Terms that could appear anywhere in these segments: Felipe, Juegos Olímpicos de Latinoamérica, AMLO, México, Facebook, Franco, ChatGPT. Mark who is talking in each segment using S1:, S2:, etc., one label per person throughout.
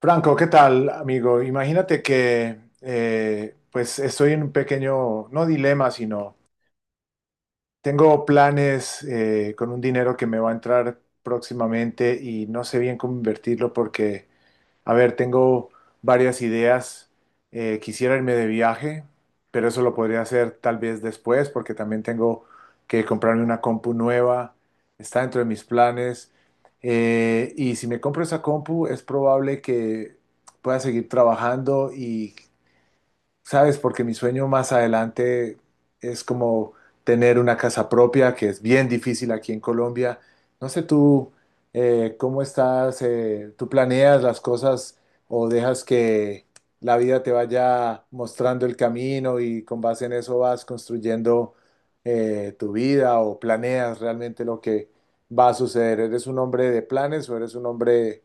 S1: Franco, ¿qué tal, amigo? Imagínate que pues estoy en un pequeño, no dilema, sino tengo planes con un dinero que me va a entrar próximamente y no sé bien cómo invertirlo porque a ver, tengo varias ideas. Quisiera irme de viaje, pero eso lo podría hacer tal vez después, porque también tengo que comprarme una compu nueva. Está dentro de mis planes. Y si me compro esa compu, es probable que pueda seguir trabajando y ¿sabes? Porque mi sueño más adelante es como tener una casa propia, que es bien difícil aquí en Colombia. No sé tú cómo estás, tú planeas las cosas o dejas que la vida te vaya mostrando el camino y con base en eso vas construyendo tu vida o planeas realmente lo que va a suceder. ¿Eres un hombre de planes o eres un hombre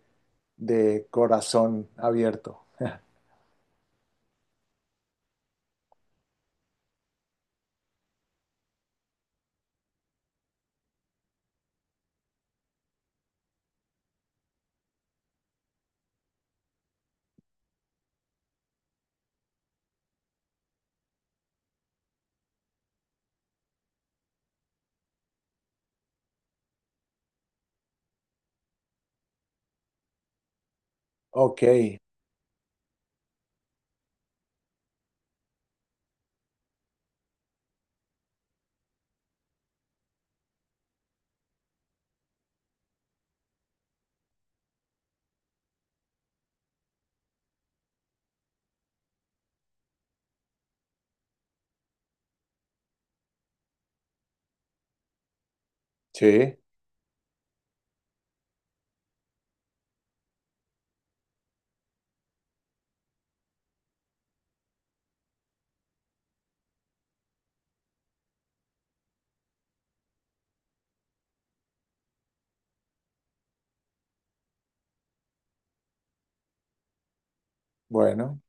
S1: de corazón abierto? Ok, sí, bueno.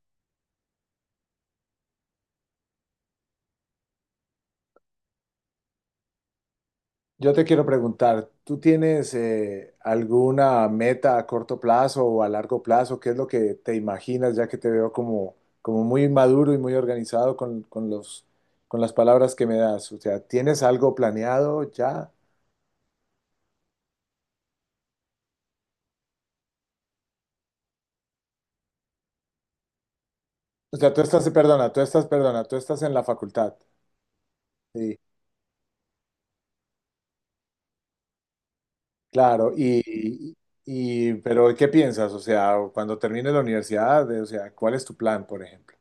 S1: Yo te quiero preguntar, ¿tú tienes alguna meta a corto plazo o a largo plazo? ¿Qué es lo que te imaginas, ya que te veo como, como muy maduro y muy organizado con los, con las palabras que me das? O sea, ¿tienes algo planeado ya? O sea, tú estás, perdona, tú estás, perdona, tú estás en la facultad. Sí, claro. Pero ¿qué piensas? O sea, cuando termines la universidad, o sea, ¿cuál es tu plan, por ejemplo?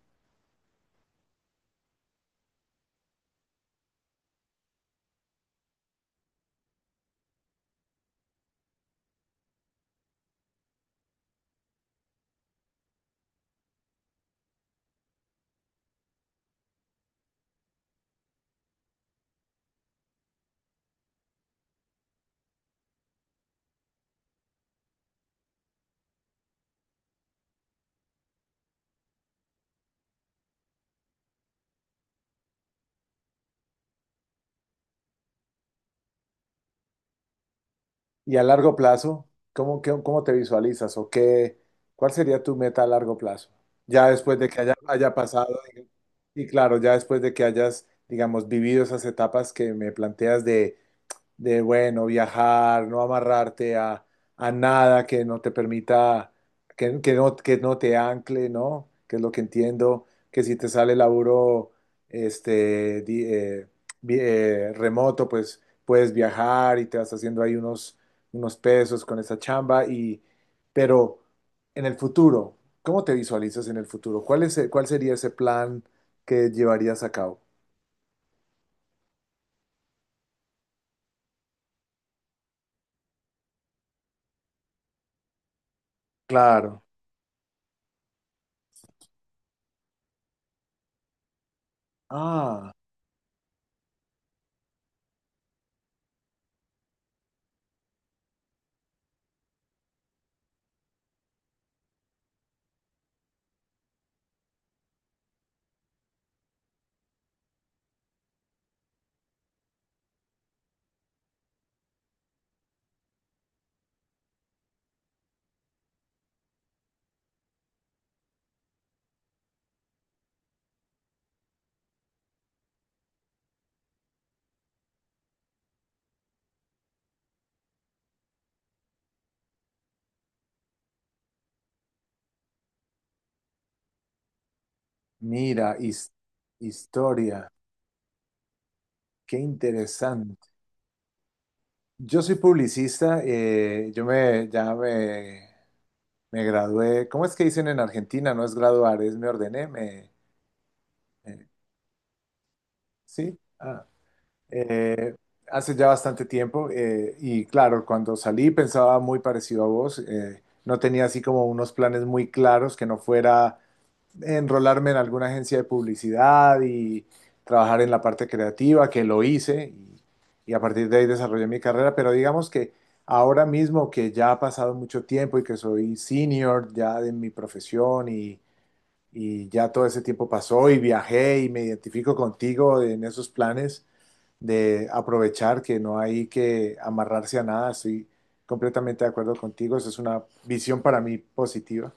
S1: Y a largo plazo, ¿cómo, qué- cómo te visualizas o qué, cuál sería tu meta a largo plazo? Ya después de que haya pasado. Y claro, ya después de que hayas, digamos, vivido esas etapas que me planteas de, bueno, viajar, no amarrarte a nada que no te permita, que no te ancle, ¿no? Que es lo que entiendo, que si te sale laburo este, remoto, pues puedes viajar y te vas haciendo ahí unos pesos con esa chamba, pero en el futuro, ¿cómo te visualizas en el futuro? Cuál sería ese plan que llevarías a cabo? Claro. Ah. Mira, historia, qué interesante. Yo soy publicista. Yo me, ya Me gradué. ¿Cómo es que dicen en Argentina? No es graduar, es me ordené, me, eh, sí, ah, eh, hace ya bastante tiempo. Y claro, cuando salí pensaba muy parecido a vos. No tenía así como unos planes muy claros que no fuera enrolarme en alguna agencia de publicidad y trabajar en la parte creativa, que lo hice y a partir de ahí desarrollé mi carrera, pero digamos que ahora mismo que ya ha pasado mucho tiempo y que soy senior ya de mi profesión y ya todo ese tiempo pasó y viajé y me identifico contigo en esos planes de aprovechar que no hay que amarrarse a nada, estoy completamente de acuerdo contigo, esa es una visión para mí positiva.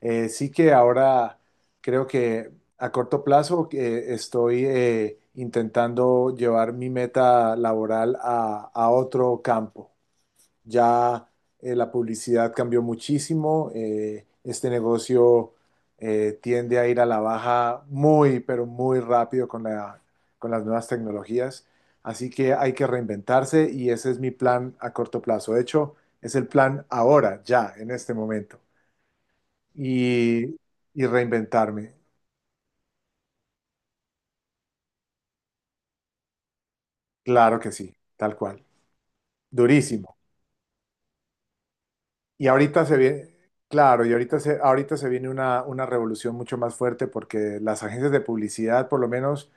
S1: Sí que ahora creo que a corto plazo estoy intentando llevar mi meta laboral a otro campo. Ya, la publicidad cambió muchísimo, este negocio tiende a ir a la baja muy, pero muy rápido con las nuevas tecnologías, así que hay que reinventarse y ese es mi plan a corto plazo. De hecho, es el plan ahora, ya, en este momento y, y reinventarme. Claro que sí, tal cual. Durísimo. Y ahorita se viene, claro, y ahorita se viene una revolución mucho más fuerte porque las agencias de publicidad, por lo menos,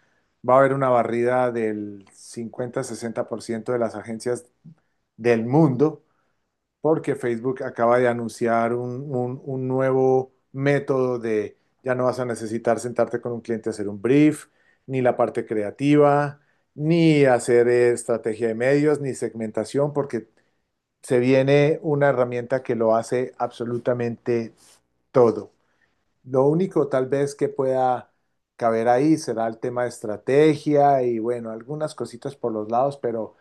S1: va a haber una barrida del 50-60% de las agencias del mundo porque Facebook acaba de anunciar un nuevo método de ya no vas a necesitar sentarte con un cliente a hacer un brief, ni la parte creativa, ni hacer estrategia de medios, ni segmentación, porque se viene una herramienta que lo hace absolutamente todo. Lo único tal vez que pueda caber ahí será el tema de estrategia y bueno, algunas cositas por los lados, pero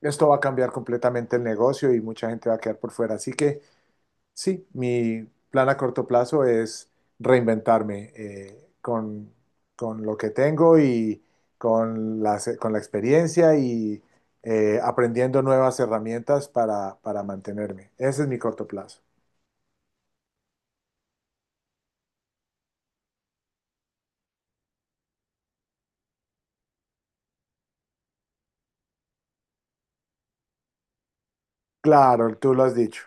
S1: esto va a cambiar completamente el negocio y mucha gente va a quedar por fuera. Así que... Sí, mi plan a corto plazo es reinventarme con lo que tengo y con la experiencia y aprendiendo nuevas herramientas para mantenerme. Ese es mi corto plazo. Claro, tú lo has dicho.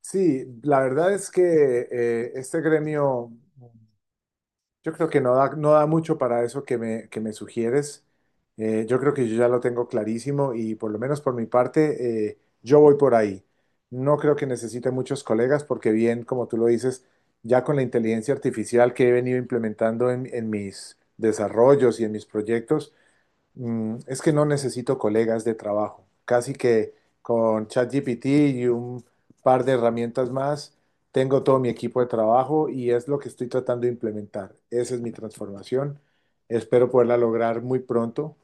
S1: Sí, la verdad es que este gremio, yo creo que no da, no da mucho para eso que me sugieres. Yo creo que yo ya lo tengo clarísimo y por lo menos por mi parte, yo voy por ahí. No creo que necesite muchos colegas porque bien, como tú lo dices, ya con la inteligencia artificial que he venido implementando en mis desarrollos y en mis proyectos, es que no necesito colegas de trabajo. Casi que con ChatGPT y un par de herramientas más, tengo todo mi equipo de trabajo y es lo que estoy tratando de implementar. Esa es mi transformación. Espero poderla lograr muy pronto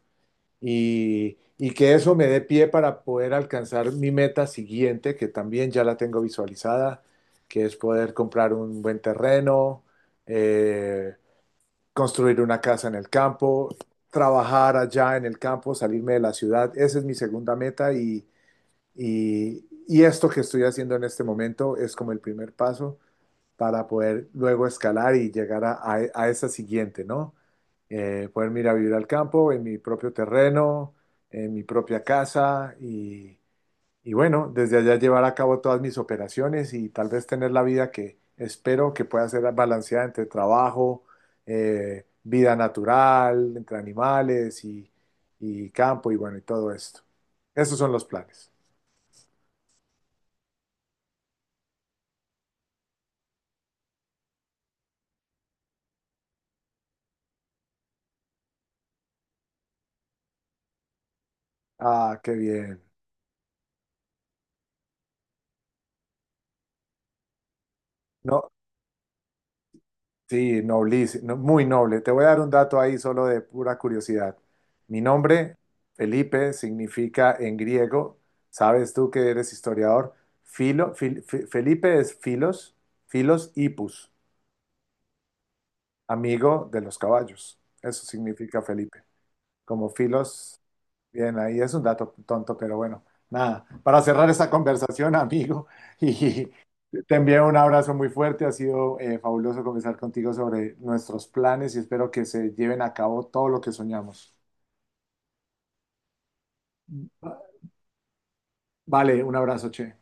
S1: y que eso me dé pie para poder alcanzar mi meta siguiente, que también ya la tengo visualizada, que es poder comprar un buen terreno, eh, construir una casa en el campo, trabajar allá en el campo, salirme de la ciudad. Esa es mi segunda meta y esto que estoy haciendo en este momento es como el primer paso para poder luego escalar y llegar a esa siguiente, ¿no? Poder ir a vivir al campo, en mi propio terreno, en mi propia casa y bueno, desde allá llevar a cabo todas mis operaciones y tal vez tener la vida que espero que pueda ser balanceada entre trabajo, vida natural, entre animales y campo y bueno, y todo esto. Esos son los planes. Ah, qué bien. No, sí, noblísimo, no, muy noble. Te voy a dar un dato ahí solo de pura curiosidad. Mi nombre, Felipe, significa en griego, sabes tú que eres historiador, filo, Felipe es filos, filos hipus, amigo de los caballos. Eso significa Felipe, como filos. Bien, ahí es un dato tonto, pero bueno, nada. Para cerrar esta conversación, amigo, y te envío un abrazo muy fuerte. Ha sido fabuloso conversar contigo sobre nuestros planes y espero que se lleven a cabo todo lo que soñamos. Vale, un abrazo, che.